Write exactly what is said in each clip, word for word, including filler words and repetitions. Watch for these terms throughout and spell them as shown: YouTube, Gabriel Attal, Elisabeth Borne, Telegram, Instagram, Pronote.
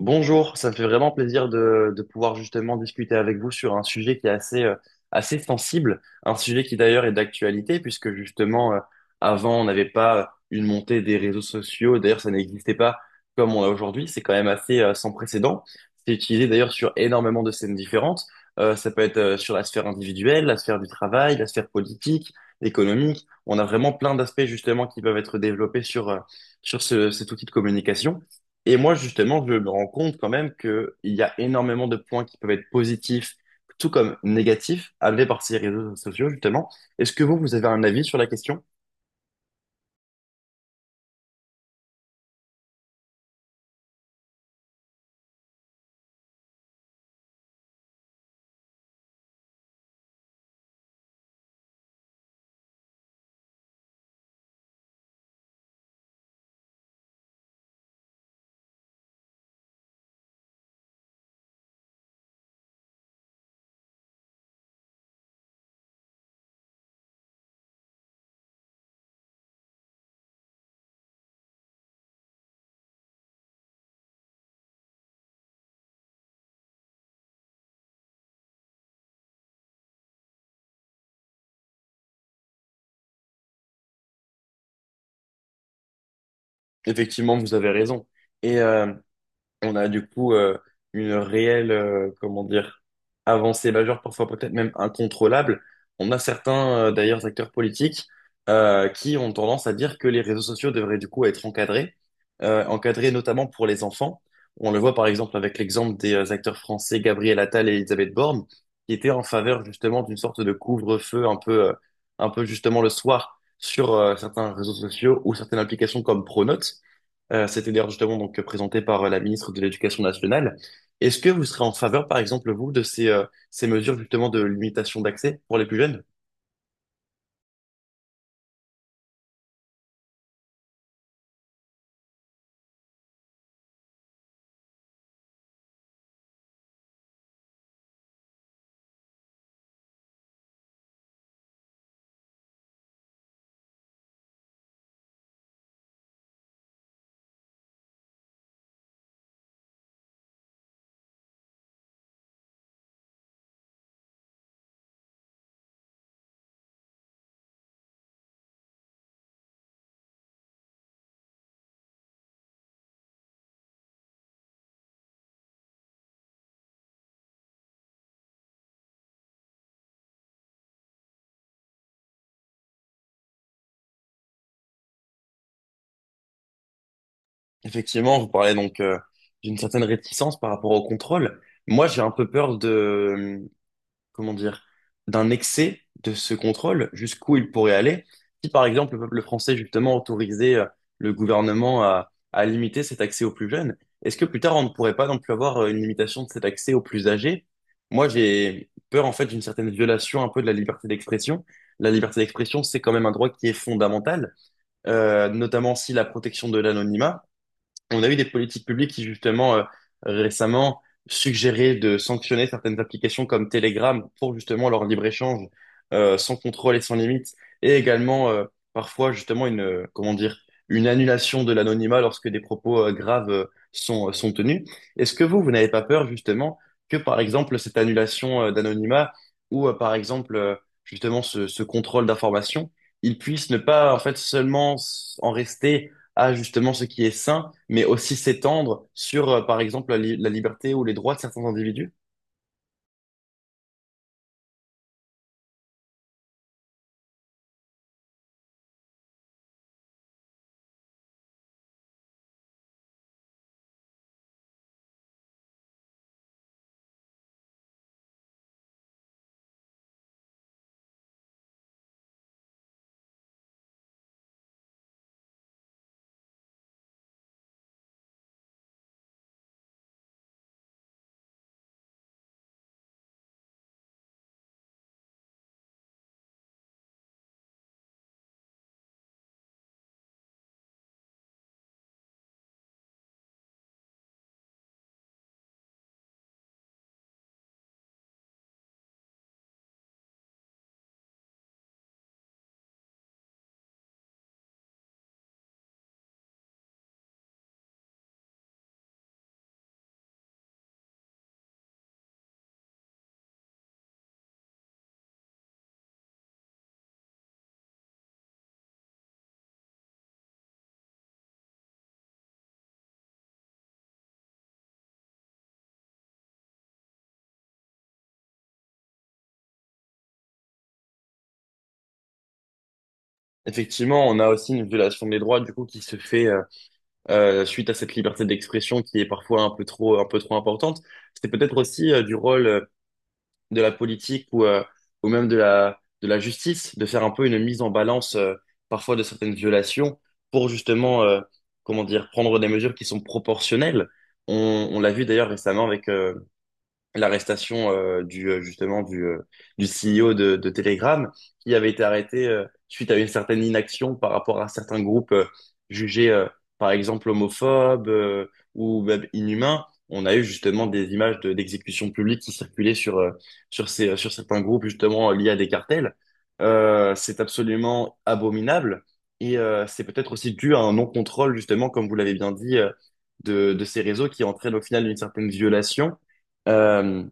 Bonjour, ça me fait vraiment plaisir de, de pouvoir justement discuter avec vous sur un sujet qui est assez, euh, assez sensible, un sujet qui d'ailleurs est d'actualité, puisque justement, euh, avant, on n'avait pas euh, une montée des réseaux sociaux, d'ailleurs, ça n'existait pas comme on l'a aujourd'hui, c'est quand même assez, euh, sans précédent. C'est utilisé d'ailleurs sur énormément de scènes différentes. Euh, ça peut être, euh, sur la sphère individuelle, la sphère du travail, la sphère politique, économique. On a vraiment plein d'aspects justement qui peuvent être développés sur, euh, sur ce- cet outil de communication. Et moi, justement, je me rends compte quand même que il y a énormément de points qui peuvent être positifs, tout comme négatifs, amenés par ces réseaux sociaux, justement. Est-ce que vous, vous avez un avis sur la question? Effectivement, vous avez raison. Et euh, on a du coup euh, une réelle, euh, comment dire, avancée majeure, parfois peut-être même incontrôlable. On a certains, euh, d'ailleurs, acteurs politiques euh, qui ont tendance à dire que les réseaux sociaux devraient du coup être encadrés, euh, encadrés notamment pour les enfants. On le voit par exemple avec l'exemple des euh, acteurs français Gabriel Attal et Elisabeth Borne, qui étaient en faveur justement d'une sorte de couvre-feu un peu, euh, un peu justement le soir sur euh, certains réseaux sociaux ou certaines applications comme Pronote. Euh, c'était d'ailleurs justement donc présenté par euh, la ministre de l'Éducation nationale. Est-ce que vous serez en faveur, par exemple, vous, de ces, euh, ces mesures justement de limitation d'accès pour les plus jeunes? Effectivement, vous parlez donc euh, d'une certaine réticence par rapport au contrôle. Moi, j'ai un peu peur de, comment dire, d'un excès de ce contrôle, jusqu'où il pourrait aller, si par exemple le peuple français justement autorisait euh, le gouvernement à, à limiter cet accès aux plus jeunes, est-ce que plus tard on ne pourrait pas non plus avoir euh, une limitation de cet accès aux plus âgés? Moi j'ai peur en fait d'une certaine violation un peu de la liberté d'expression. La liberté d'expression, c'est quand même un droit qui est fondamental, euh, notamment si la protection de l'anonymat. On a eu des politiques publiques qui, justement, euh, récemment, suggéraient de sanctionner certaines applications comme Telegram pour, justement, leur libre-échange euh, sans contrôle et sans limite. Et également, euh, parfois, justement, une, euh, comment dire, une annulation de l'anonymat lorsque des propos euh, graves euh, sont, euh, sont tenus. Est-ce que vous, vous n'avez pas peur, justement, que, par exemple, cette annulation euh, d'anonymat ou, euh, par exemple, euh, justement, ce, ce contrôle d'information, il puisse ne pas, en fait, seulement s- en rester à justement ce qui est sain, mais aussi s'étendre sur, euh, par exemple, la, li- la liberté ou les droits de certains individus. Effectivement, on a aussi une violation des droits du coup qui se fait euh, euh, suite à cette liberté d'expression qui est parfois un peu trop, un peu trop importante. C'est peut-être aussi euh, du rôle euh, de la politique ou, euh, ou même de la, de la justice de faire un peu une mise en balance euh, parfois de certaines violations pour justement, euh, comment dire, prendre des mesures qui sont proportionnelles. On, on l'a vu d'ailleurs récemment avec euh, l'arrestation euh, du euh, justement du euh, du C E O de, de Telegram qui avait été arrêté euh, suite à une certaine inaction par rapport à certains groupes euh, jugés euh, par exemple homophobes euh, ou même inhumains. On a eu justement des images de, d'exécutions publiques qui circulaient sur euh, sur ces euh, sur certains groupes justement liés à des cartels. Euh, c'est absolument abominable et euh, c'est peut-être aussi dû à un non-contrôle justement comme vous l'avez bien dit euh, de de ces réseaux qui entraînent au final une certaine violation. Euh,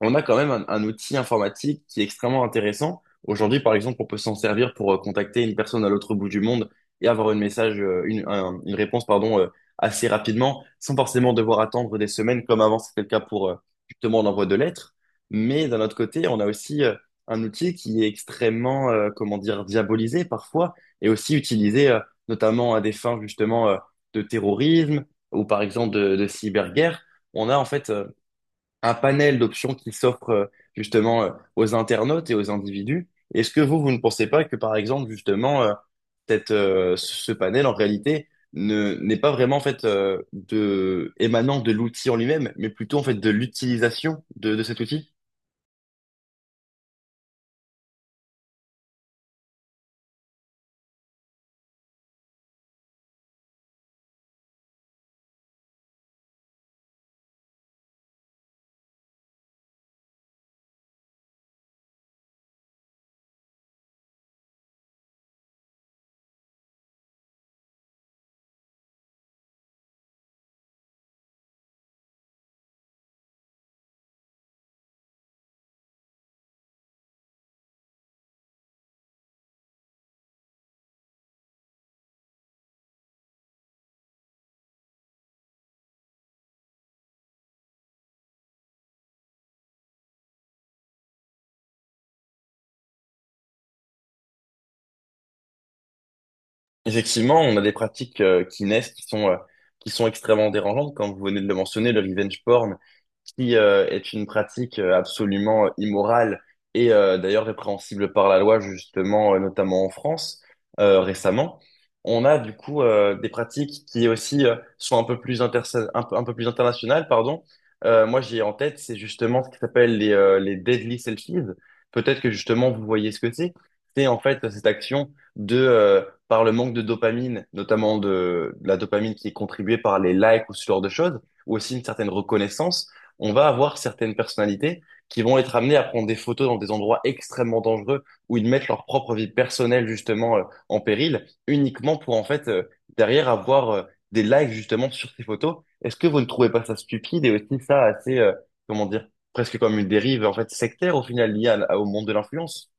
on a quand même un, un outil informatique qui est extrêmement intéressant. Aujourd'hui, par exemple, on peut s'en servir pour euh, contacter une personne à l'autre bout du monde et avoir une message, euh, une, un- une réponse, pardon, euh, assez rapidement, sans forcément devoir attendre des semaines comme avant c'était le cas pour euh, justement l'envoi de lettres. Mais d'un autre côté, on a aussi euh, un outil qui est extrêmement, euh, comment dire, diabolisé parfois et aussi utilisé euh, notamment à des fins justement euh, de terrorisme ou par exemple de, de cyberguerre. On a en fait euh, un panel d'options qui s'offre euh, justement euh, aux internautes et aux individus. Est-ce que vous, vous ne pensez pas que, par exemple, justement, euh, cette, euh, ce panel, en réalité, ne, n'est pas vraiment en fait euh, de, émanant de l'outil en lui-même, mais plutôt en fait de l'utilisation de, de cet outil? Effectivement, on a des pratiques euh, qui naissent, qui sont, euh, qui sont extrêmement dérangeantes, comme vous venez de le mentionner, le revenge porn, qui euh, est une pratique euh, absolument euh, immorale et euh, d'ailleurs répréhensible par la loi, justement, euh, notamment en France, euh, récemment. On a du coup euh, des pratiques qui aussi euh, sont un peu plus interse- un peu, un peu plus internationales, pardon. Euh, moi, j'ai en tête, c'est justement ce qui s'appelle les, euh, les deadly selfies. Peut-être que justement vous voyez ce que c'est. C'est en fait cette action de euh, par le manque de dopamine, notamment de, de la dopamine qui est contribuée par les likes ou ce genre de choses, ou aussi une certaine reconnaissance, on va avoir certaines personnalités qui vont être amenées à prendre des photos dans des endroits extrêmement dangereux où ils mettent leur propre vie personnelle justement euh, en péril, uniquement pour en fait euh, derrière avoir euh, des likes justement sur ces photos. Est-ce que vous ne trouvez pas ça stupide et aussi ça assez, euh, comment dire, presque comme une dérive en fait sectaire au final liée à- au monde de l'influence?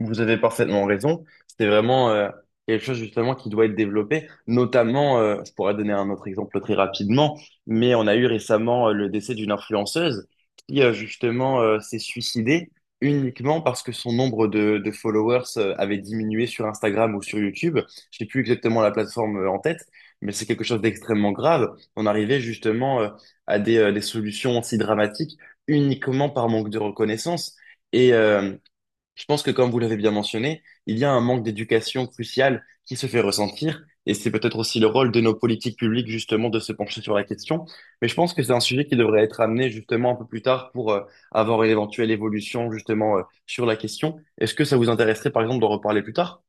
Vous avez parfaitement raison. C'est vraiment euh, quelque chose justement qui doit être développé. Notamment, euh, je pourrais donner un autre exemple très rapidement, mais on a eu récemment euh, le décès d'une influenceuse qui euh, justement euh, s'est suicidée uniquement parce que son nombre de, de followers euh, avait diminué sur Instagram ou sur YouTube. Je sais plus exactement la plateforme euh, en tête, mais c'est quelque chose d'extrêmement grave. On arrivait justement euh, à des, euh, des solutions si dramatiques uniquement par manque de reconnaissance. Et, euh, je pense que comme vous l'avez bien mentionné, il y a un manque d'éducation crucial qui se fait ressentir, et c'est peut-être aussi le rôle de nos politiques publiques justement de se pencher sur la question. Mais je pense que c'est un sujet qui devrait être amené justement un peu plus tard pour euh, avoir une éventuelle évolution justement euh, sur la question. Est-ce que ça vous intéresserait par exemple d'en reparler plus tard?